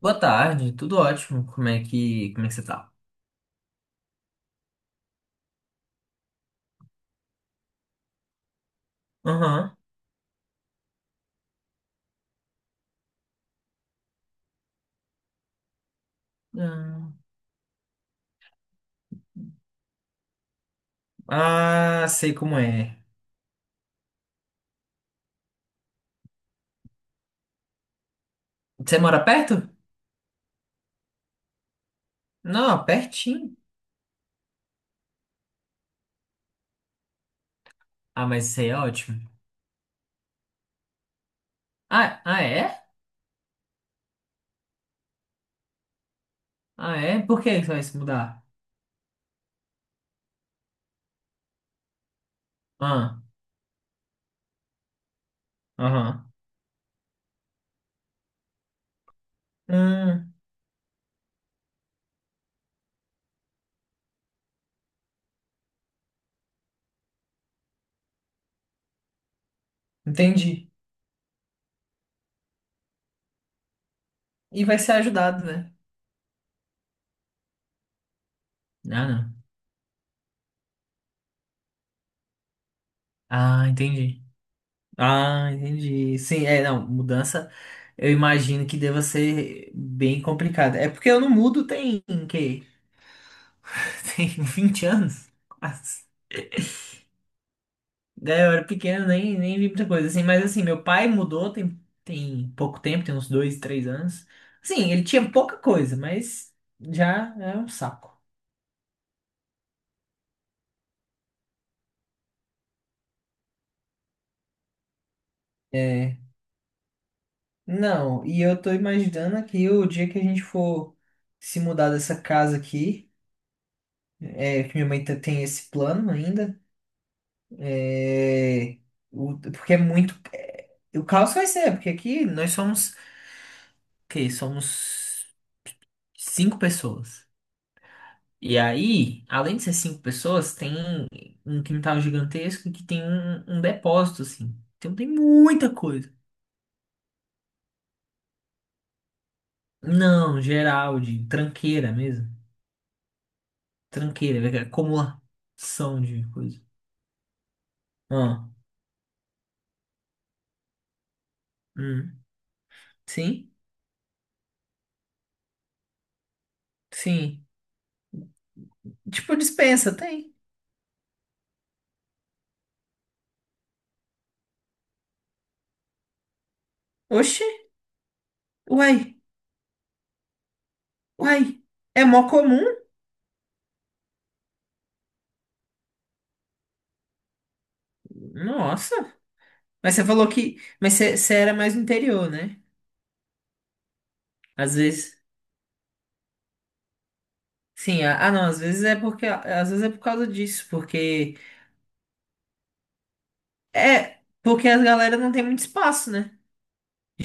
Boa tarde, tudo ótimo. Como é que você tá? Aham. Ah, ah, sei como é. Você mora perto? Não, pertinho. Ah, mas isso aí é ótimo. Ah, ah é? Ah, é? Por que você vai se mudar? Ah, aham. Hum, entendi. E vai ser ajudado, né? Ah, não. Ah, entendi. Ah, entendi. Sim, é, não, mudança eu imagino que deva ser bem complicada. É porque eu não mudo que, tem 20 anos, quase. Daí eu era pequeno, nem vi muita coisa, assim. Mas, assim, meu pai mudou tem pouco tempo, tem uns dois, três anos. Sim, ele tinha pouca coisa, mas já é um saco. É. Não, e eu tô imaginando aqui o dia que a gente for se mudar dessa casa aqui, que minha tem esse plano ainda, é, porque é muito... o caos vai ser, porque aqui nós somos, o quê? Somos 5 pessoas. E aí, além de ser 5 pessoas, tem um quintal gigantesco que tem um depósito, assim. Então tem muita coisa. Não, geral, de tranqueira mesmo. Tranqueira, é acumulação de coisa. Ah, hum. Sim, sim. Tipo, dispensa, tem. Oxi, uai, uai. É mó comum. Nossa. Mas você falou que. Mas você era mais no interior, né? Às vezes. Sim, ah, ah, não, às vezes é porque. Às vezes é por causa disso, porque. É, porque as galera não tem muito espaço, né?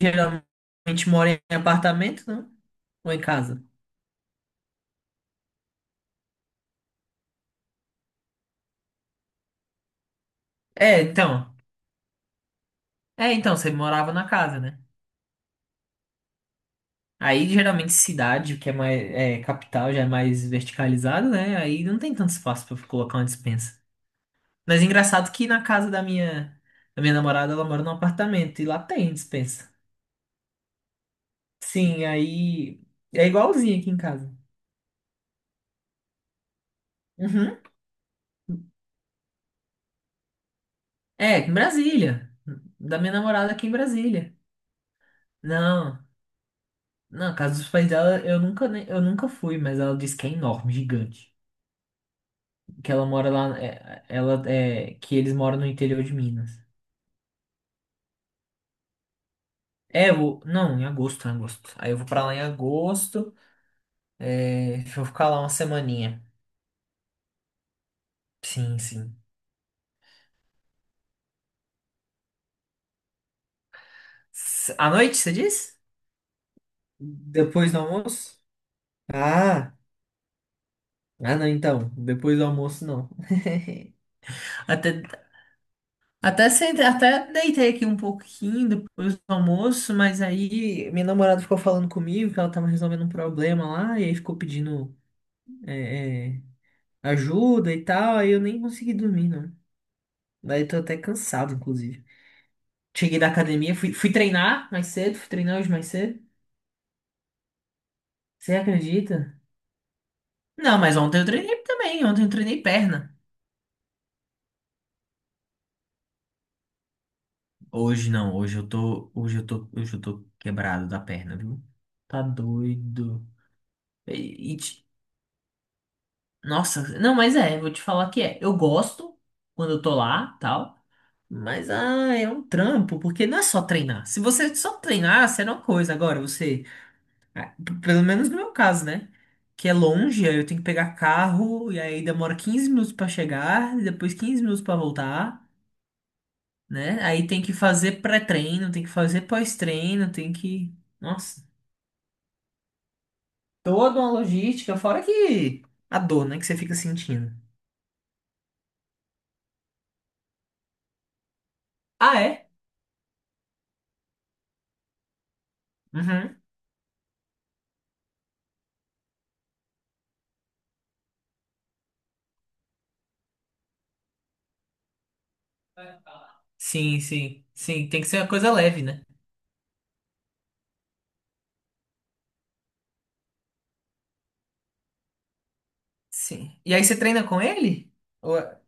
Geralmente mora em apartamento, não? Ou em casa? É, então. É, então, você morava na casa, né? Aí, geralmente, cidade, que é capital, já é mais verticalizado, né? Aí não tem tanto espaço pra colocar uma despensa. Mas engraçado que na casa da minha namorada, ela mora num apartamento e lá tem despensa. Sim, aí é igualzinho aqui em casa. Uhum. É, em Brasília. Da minha namorada aqui em Brasília. Não. Não, a casa dos pais dela, eu nunca, eu nunca fui, mas ela disse que é enorme, gigante. Que ela mora lá, que eles moram no interior de Minas. É, eu, não, em agosto, em agosto. Aí eu vou pra lá em agosto, é, vou ficar lá uma semaninha. Sim, sim. À noite, você diz? Depois do almoço? Ah, ah não, então, depois do almoço não. até Até, sentei, até deitei aqui um pouquinho depois do almoço, mas aí minha namorada ficou falando comigo que ela tava resolvendo um problema lá, e aí ficou pedindo é, é, ajuda e tal, aí eu nem consegui dormir, não. Daí tô até cansado, inclusive. Cheguei da academia, fui treinar mais cedo, fui treinar hoje mais cedo. Você acredita? Não, mas ontem eu treinei também, ontem eu treinei perna. Hoje não, hoje eu tô quebrado da perna, viu? Tá doido. E, e, te- Nossa, não, mas é, vou te falar que é. Eu gosto quando eu tô lá, tal, mas ah, é um trampo, porque não é só treinar. Se você só treinar, será uma coisa. Agora, você, ah, pelo menos no meu caso, né? Que é longe, aí eu tenho que pegar carro, e aí demora 15 minutos pra chegar, e depois 15 minutos pra voltar, né? Aí tem que fazer pré-treino, tem que fazer pós-treino, tem que. Nossa, toda uma logística, fora que a dor, né, que você fica sentindo. Ah, é? Uhum. Sim, sim. Sim, tem que ser uma coisa leve, né? Sim. E aí você treina com ele? Ou-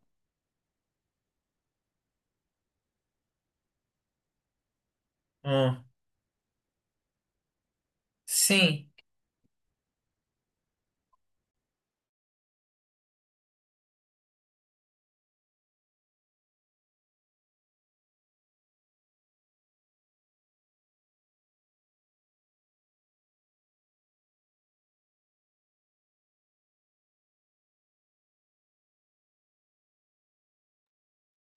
Hum. Sim.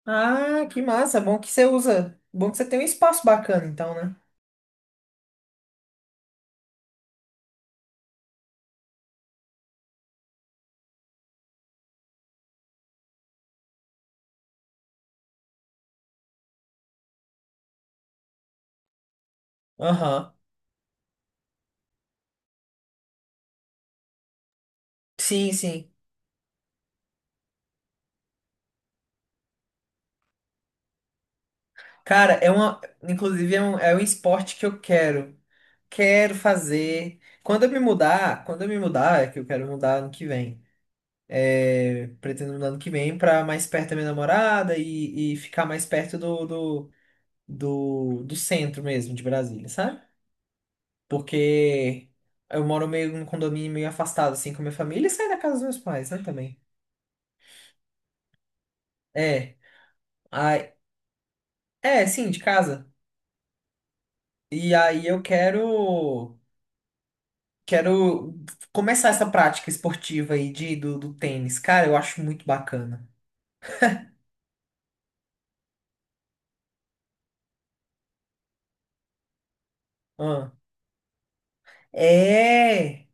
Ah, que massa. Bom que você usa. Bom que você tem um espaço bacana, então, né? Aham. Sim, sim. Cara, é uma. Inclusive, é um esporte que eu quero. Quero fazer. Quando eu me mudar, é que eu quero mudar ano que vem. É, pretendo mudar ano que vem pra mais perto da minha namorada e ficar mais perto do centro mesmo de Brasília, sabe? Porque eu moro meio num condomínio meio afastado, assim, com a minha família e saio da casa dos meus pais, né, também. É. Ai, é, sim, de casa. E aí eu quero. Quero começar essa prática esportiva aí do do tênis. Cara, eu acho muito bacana. Ah. É!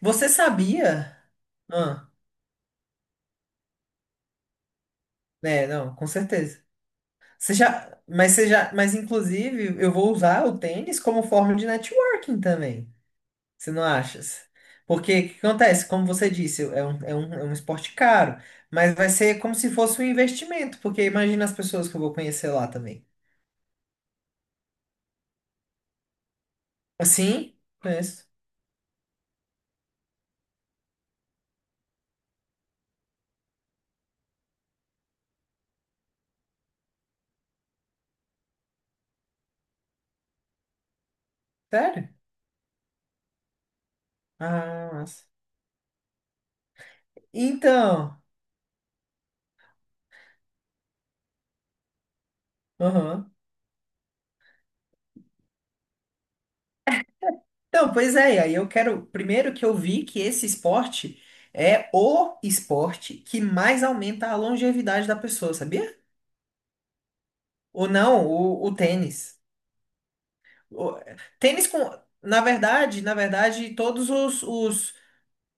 Você sabia? Ah, é, não, com certeza. Você já, mas inclusive eu vou usar o tênis como forma de networking também. Você não acha? Porque o que acontece? Como você disse, é um esporte caro, mas vai ser como se fosse um investimento, porque imagina as pessoas que eu vou conhecer lá também. Assim? Conheço. Sério? Ah, massa. Então, aham. Então, pois é, e aí eu quero. Primeiro que eu vi que esse esporte é o esporte que mais aumenta a longevidade da pessoa, sabia? Ou não, o tênis. O- tênis com. Na verdade, todos os, os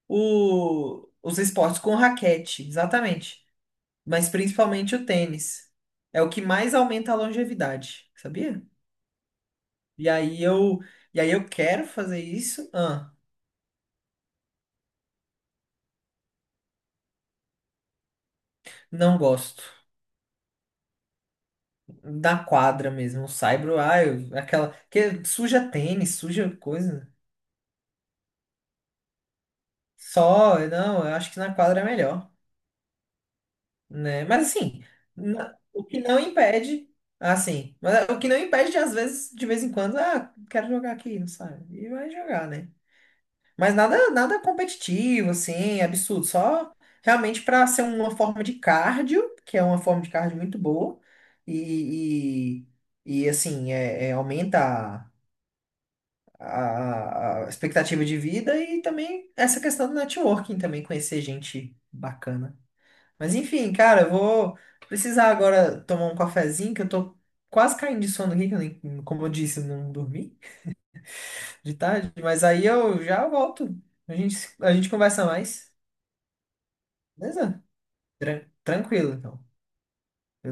o- os esportes com raquete, exatamente. Mas principalmente o tênis. É o que mais aumenta a longevidade, sabia? E aí eu, e aí eu quero fazer isso. Ah, não gosto. Da quadra mesmo, o saibro, ah, aquela que suja tênis, suja coisa. Só, não, eu acho que na quadra é melhor, né? Mas assim, o que não impede, assim, mas o que não impede de às vezes, de vez em quando, ah, quero jogar aqui, não sabe? E vai jogar, né? Mas nada competitivo, assim, absurdo. Só realmente para ser uma forma de cardio, que é uma forma de cardio muito boa. E, e aumenta a expectativa de vida e também essa questão do networking também, conhecer gente bacana. Mas enfim, cara, eu vou precisar agora tomar um cafezinho, que eu tô quase caindo de sono aqui, que eu nem, como eu disse, eu não dormi de tarde. Mas aí eu já volto. A gente conversa mais. Beleza? Tranquilo, então.